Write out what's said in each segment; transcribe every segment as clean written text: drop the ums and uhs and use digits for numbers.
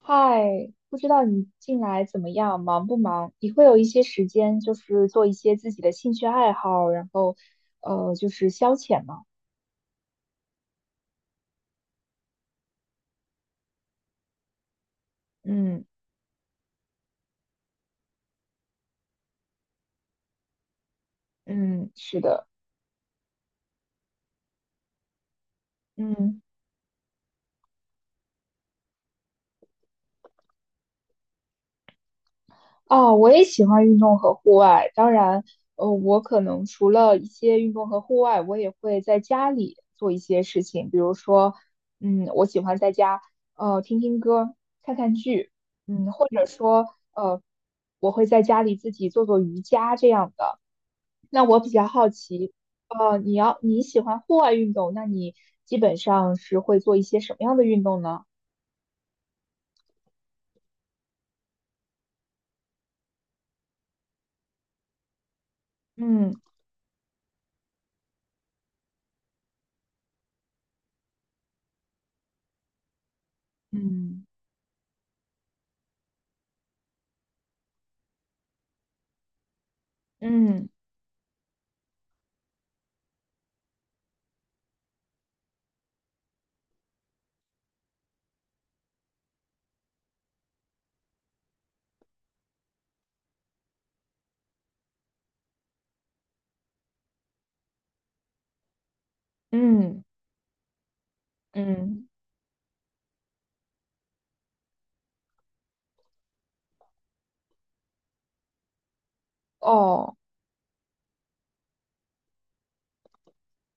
嗨，不知道你近来怎么样，忙不忙？你会有一些时间，就是做一些自己的兴趣爱好，就是消遣吗？嗯嗯，是的，嗯。哦，我也喜欢运动和户外。当然，我可能除了一些运动和户外，我也会在家里做一些事情，比如说，嗯，我喜欢在家，听听歌，看看剧，嗯，或者说，呃，我会在家里自己做做瑜伽这样的。那我比较好奇，你喜欢户外运动，那你基本上是会做一些什么样的运动呢？嗯嗯。嗯嗯嗯，哦。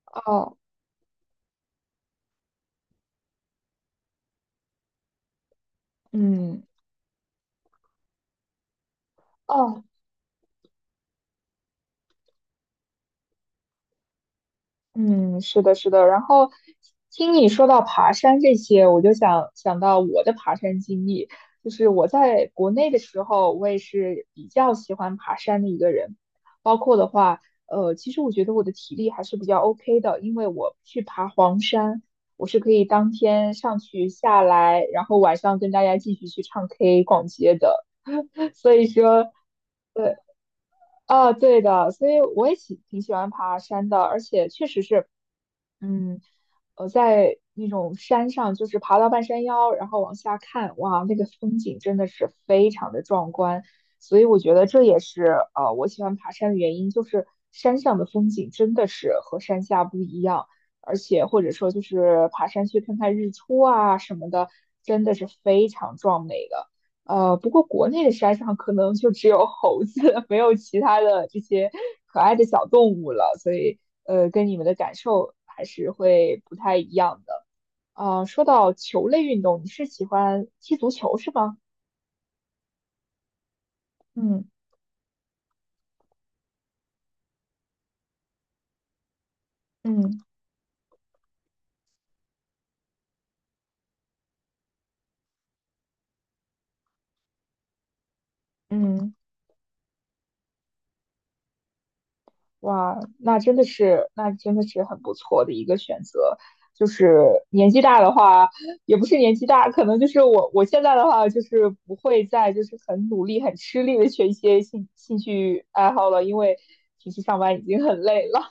哦，嗯，哦，嗯，是的，是的。然后听你说到爬山这些，我就想到我的爬山经历。就是我在国内的时候，我也是比较喜欢爬山的一个人。包括的话，其实我觉得我的体力还是比较 OK 的，因为我去爬黄山，我是可以当天上去下来，然后晚上跟大家继续去唱 K、逛街的。所以说。啊，对的，所以我也喜欢爬山的，而且确实是，嗯，在那种山上，就是爬到半山腰，然后往下看，哇，那个风景真的是非常的壮观，所以我觉得这也是我喜欢爬山的原因，就是山上的风景真的是和山下不一样，而且或者说就是爬山去看看日出啊什么的，真的是非常壮美的。不过国内的山上可能就只有猴子，没有其他的这些可爱的小动物了，所以跟你们的感受还是会不太一样的。啊、说到球类运动，你是喜欢踢足球是吗？嗯嗯嗯。哇，那真的是，那真的是很不错的一个选择。就是年纪大的话，也不是年纪大，可能就是我现在的话，就是不会再就是很努力、很吃力的学一些兴趣爱好了，因为平时上班已经很累了。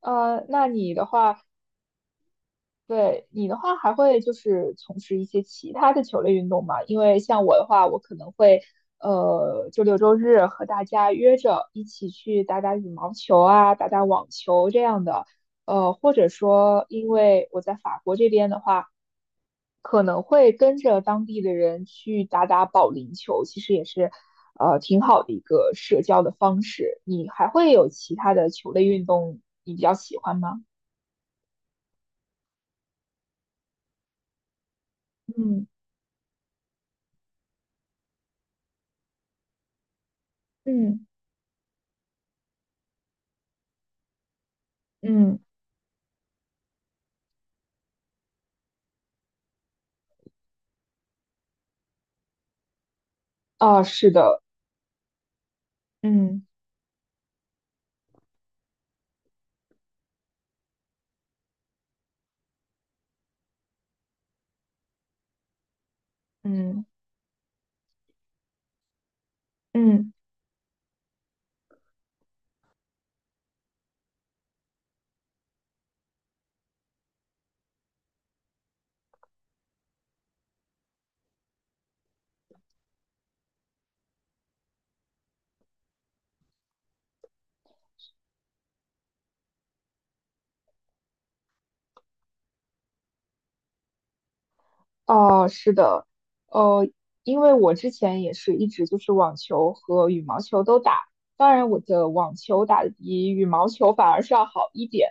呃，那你的话，对你的话，还会就是从事一些其他的球类运动吗？因为像我的话，我可能会周六周日和大家约着一起去打打羽毛球啊，打打网球这样的，或者说因为我在法国这边的话，可能会跟着当地的人去打打保龄球，其实也是挺好的一个社交的方式。你还会有其他的球类运动你比较喜欢吗？嗯嗯嗯。啊，是的，嗯嗯嗯哦，是的，呃，因为我之前也是一直就是网球和羽毛球都打，当然我的网球打得比羽毛球反而是要好一点，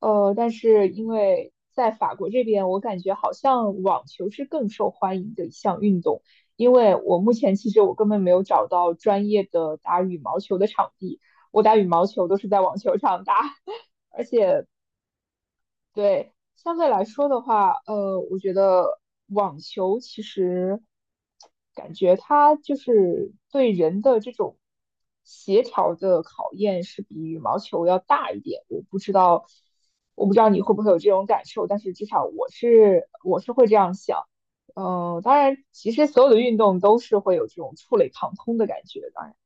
但是因为在法国这边，我感觉好像网球是更受欢迎的一项运动，因为我目前其实我根本没有找到专业的打羽毛球的场地，我打羽毛球都是在网球场打。对，相对来说的话，我觉得网球其实感觉它就是对人的这种协调的考验是比羽毛球要大一点。我不知道，我不知道你会不会有这种感受，但是至少我会这样想。当然，其实所有的运动都是会有这种触类旁通的感觉。当然，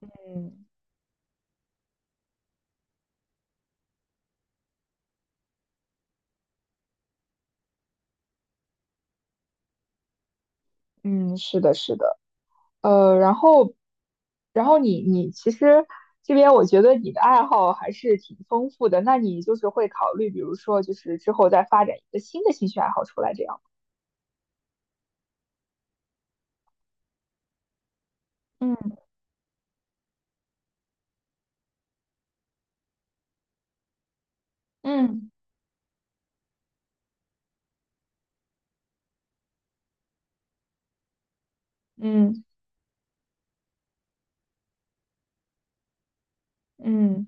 嗯，嗯，是的，是的。呃，然后，然后你其实这边我觉得你的爱好还是挺丰富的，那你就是会考虑，比如说就是之后再发展一个新的兴趣爱好出来这样。嗯嗯嗯嗯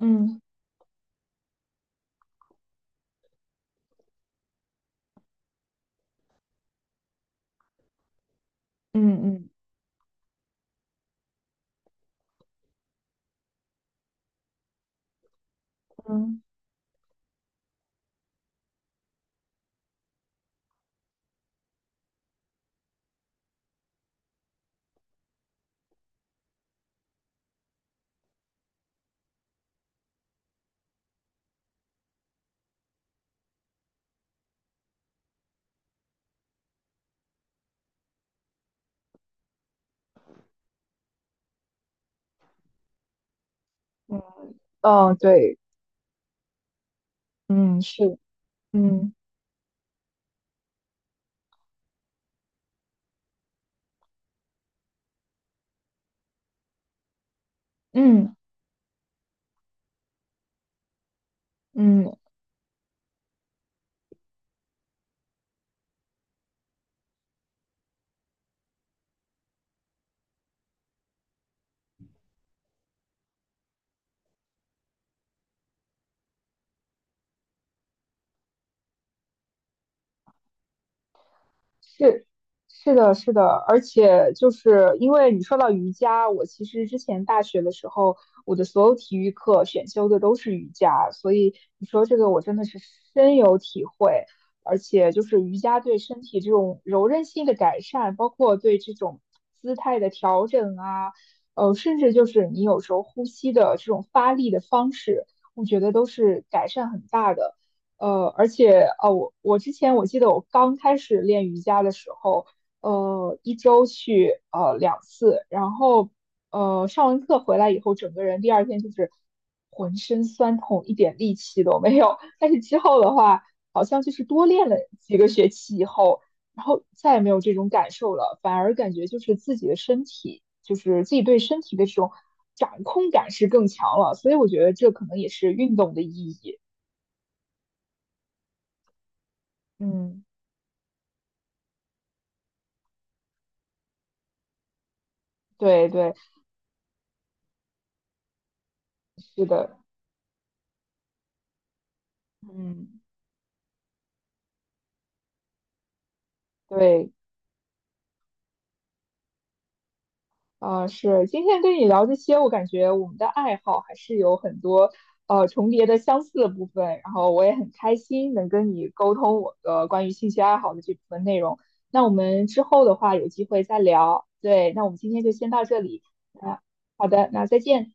嗯嗯嗯嗯嗯嗯，对，嗯，是。嗯嗯嗯，是是的，是的，而且就是因为你说到瑜伽，我其实之前大学的时候，我的所有体育课选修的都是瑜伽，所以你说这个我真的是深有体会。而且就是瑜伽对身体这种柔韧性的改善，包括对这种姿态的调整啊，甚至就是你有时候呼吸的这种发力的方式，我觉得都是改善很大的。而且我之前我记得我刚开始练瑜伽的时候，一周去两次，然后上完课回来以后，整个人第二天就是浑身酸痛，一点力气都没有。但是之后的话，好像就是多练了几个学期以后，然后再也没有这种感受了，反而感觉就是自己的身体，就是自己对身体的这种掌控感是更强了。所以我觉得这可能也是运动的意义。嗯。对对，是的，嗯，对，啊、是。今天跟你聊这些，我感觉我们的爱好还是有很多重叠的相似的部分。然后我也很开心能跟你沟通我的关于兴趣爱好的这部分内容。那我们之后的话有机会再聊。对，那我们今天就先到这里。啊，好的，那再见。